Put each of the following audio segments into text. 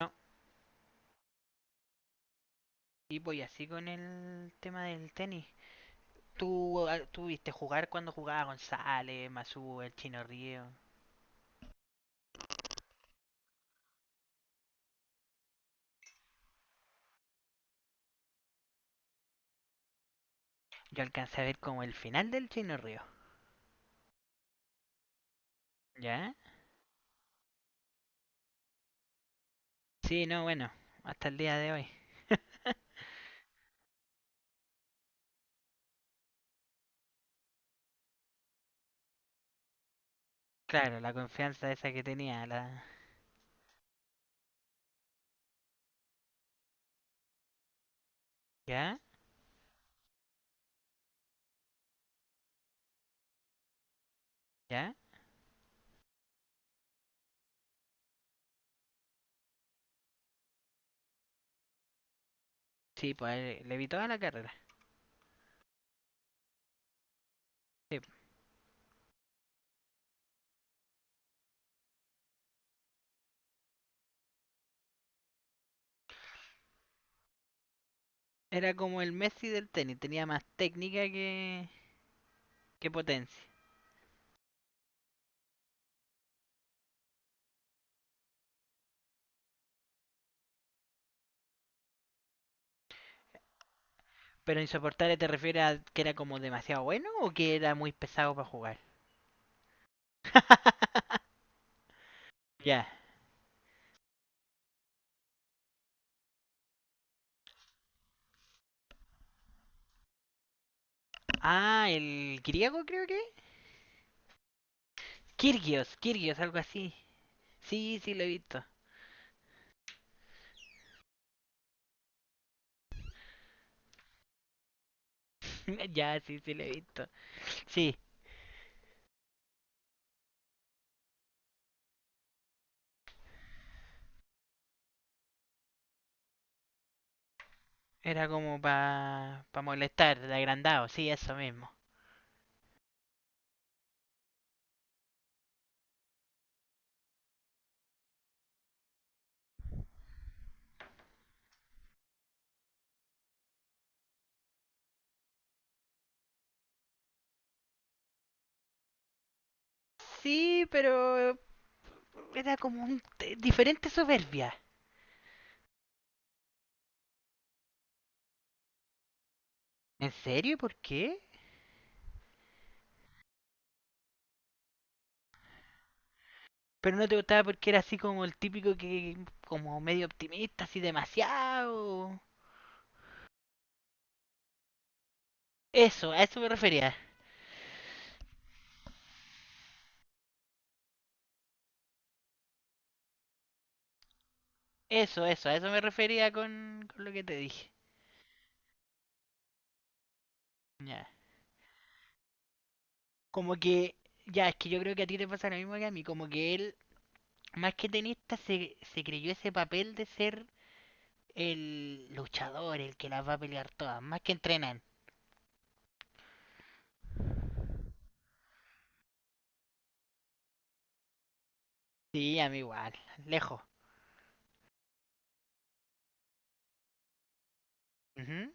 No, y voy así con el tema del tenis. ¿Tú viste jugar cuando jugaba González, Masú, el Chino Río? Yo alcancé a ver como el final del Chino Río. ¿Ya? Sí, no, bueno, hasta el día de hoy. Claro, la confianza esa que tenía, la. ¿Ya? ¿Ya? Sí, pues le vi toda la carrera. Sí. Era como el Messi del tenis, tenía más técnica que potencia. Pero, ¿insoportable te refieres a que era como demasiado bueno o que era muy pesado para jugar? Ya. Ah, el griego creo que. Kirgios, Kirgios, algo así. Sí, sí lo he visto. Ya, sí, sí lo he visto. Sí, era como para pa molestar, de agrandado, sí, eso mismo. Sí, pero era como un diferente soberbia. ¿En serio? ¿Por qué? Pero no te gustaba porque era así como el típico que, como medio optimista, así demasiado. Eso, a eso me refería. Eso, a eso me refería con lo que te dije. Ya. Como que, ya, es que yo creo que a ti te pasa lo mismo que a mí, como que él, más que tenista, se creyó ese papel de ser el luchador, el que las va a pelear todas, más que entrenan. Sí, a mí igual, lejos. Ujú.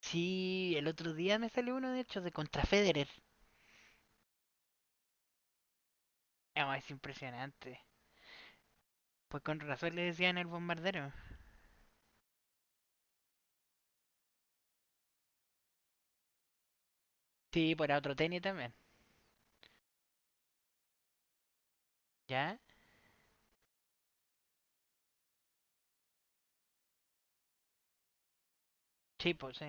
Sí, el otro día me salió uno, de hecho, de contra Federer. Ah, es impresionante. Pues con razón le decían el bombardero. Sí, por otro tenis también, ¿ya? Sí, pues sí.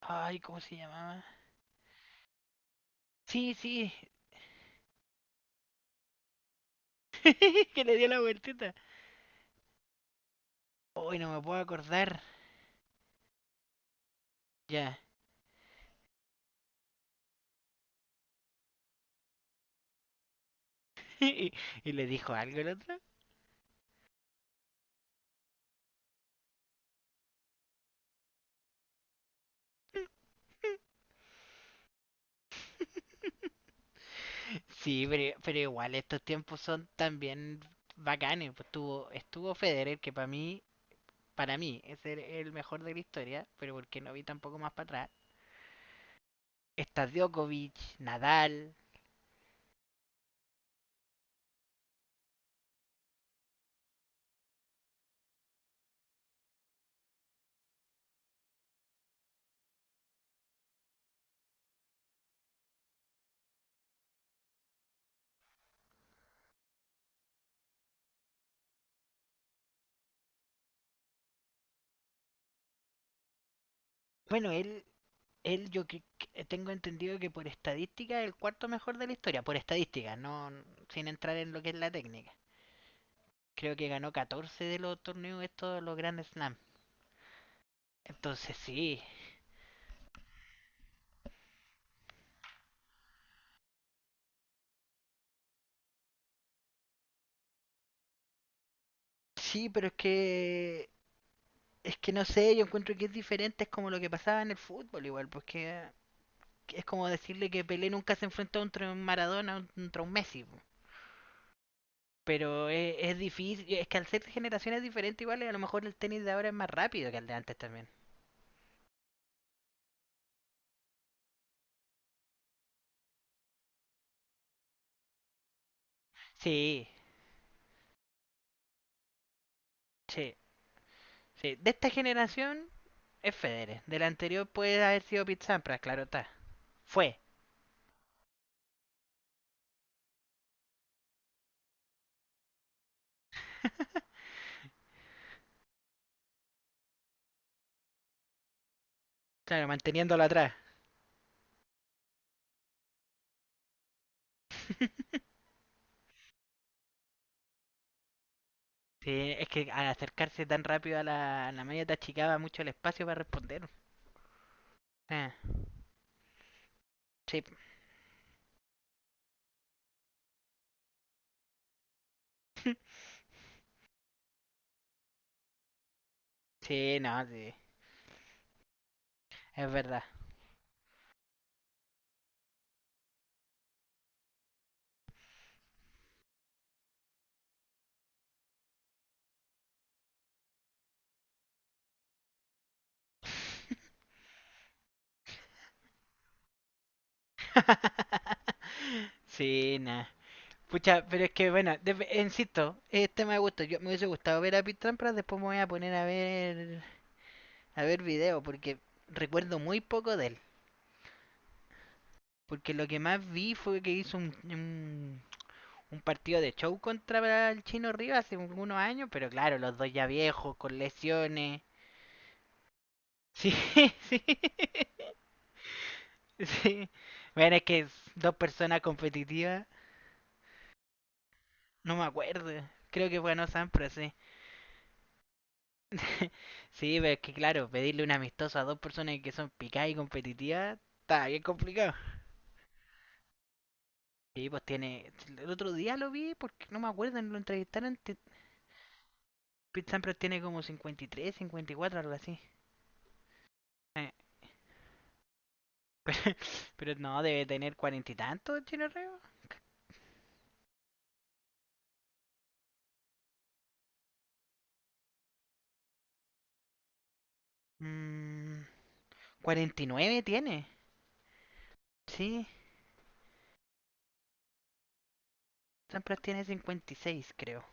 Ay, ¿cómo se llamaba? Sí, sí, que le dio la vueltita. Uy, no me puedo acordar. Ya. Y, y le dijo algo el otro. Sí, pero igual estos tiempos son también bacanes, pues. Estuvo Federer, que para mí es el mejor de la historia, pero porque no vi tampoco más para atrás. Está Djokovic, Nadal. Bueno, él tengo entendido que por estadística es el cuarto mejor de la historia, por estadística, no sin entrar en lo que es la técnica. Creo que ganó 14 de los torneos estos, los Grand Slam. Entonces sí, sí, pero es que no sé, yo encuentro que es diferente, es como lo que pasaba en el fútbol igual, porque es como decirle que Pelé nunca se enfrentó contra un Maradona, contra un Messi, po. Pero es difícil, es que al ser de generaciones diferentes igual, y a lo mejor el tenis de ahora es más rápido que el de antes también. Sí, sí, sí. De esta generación es Federer, de la anterior puede haber sido Pete Sampras, claro está. Fue. Claro, manteniéndolo atrás. Sí, es que al acercarse tan rápido a la malla te achicaba mucho el espacio para responder. Ah. Sí. Sí, no, sí. Es verdad. Sí, nada. Pucha, pero es que bueno, insisto, es tema de gusto. Yo me hubiese gustado ver a Pete Trampras, después me voy a poner a ver video, porque recuerdo muy poco de él. Porque lo que más vi fue que hizo un partido de show contra el Chino Rivas hace unos años, pero claro, los dos ya viejos, con lesiones. Sí, sí. Sí. Bueno, es que es dos personas competitivas. No me acuerdo. Creo que ganó Sampras, sí. Sí, pero es que claro, pedirle un amistoso a dos personas que son picadas y competitivas está bien complicado. Sí, pues tiene. El otro día lo vi porque no me acuerdo, lo entrevistaron. Pete Sampras tiene como 53, 54, algo así. Eh, pero, pero no, debe tener cuarenta y tantos, Chino Reo. Mmm. 49 tiene. Sí, Sampras tiene 56, creo.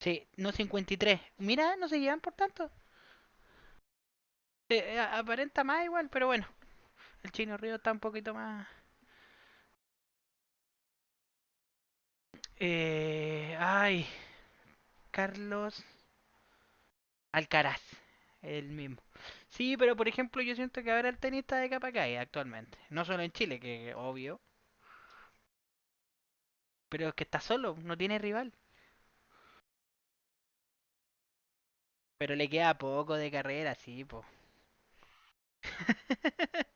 Sí, no 53. Mira, no se llevan por tanto. Aparenta más igual, pero bueno. El chino Río está un poquito más. Ay, Carlos Alcaraz. El mismo. Sí, pero por ejemplo, yo siento que ahora el tenista de Capacay actualmente. No solo en Chile, que obvio. Pero es que está solo, no tiene rival. Pero le queda poco de carrera, sí, po.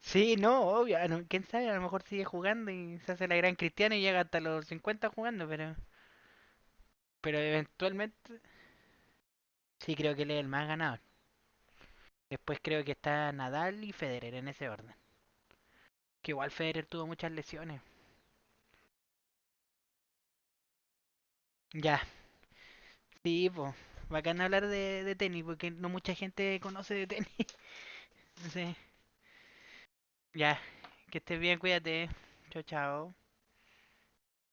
Sí, no, obvio. No, quién sabe, a lo mejor sigue jugando y se hace la gran cristiana y llega hasta los 50 jugando, pero. Pero eventualmente sí, creo que él es el más ganador. Después creo que está Nadal y Federer en ese orden. Que igual Federer tuvo muchas lesiones. Ya, sí, pues. Bacán hablar de tenis porque no mucha gente conoce de tenis. Sí. Ya, que estés bien, cuídate. Chao, chao.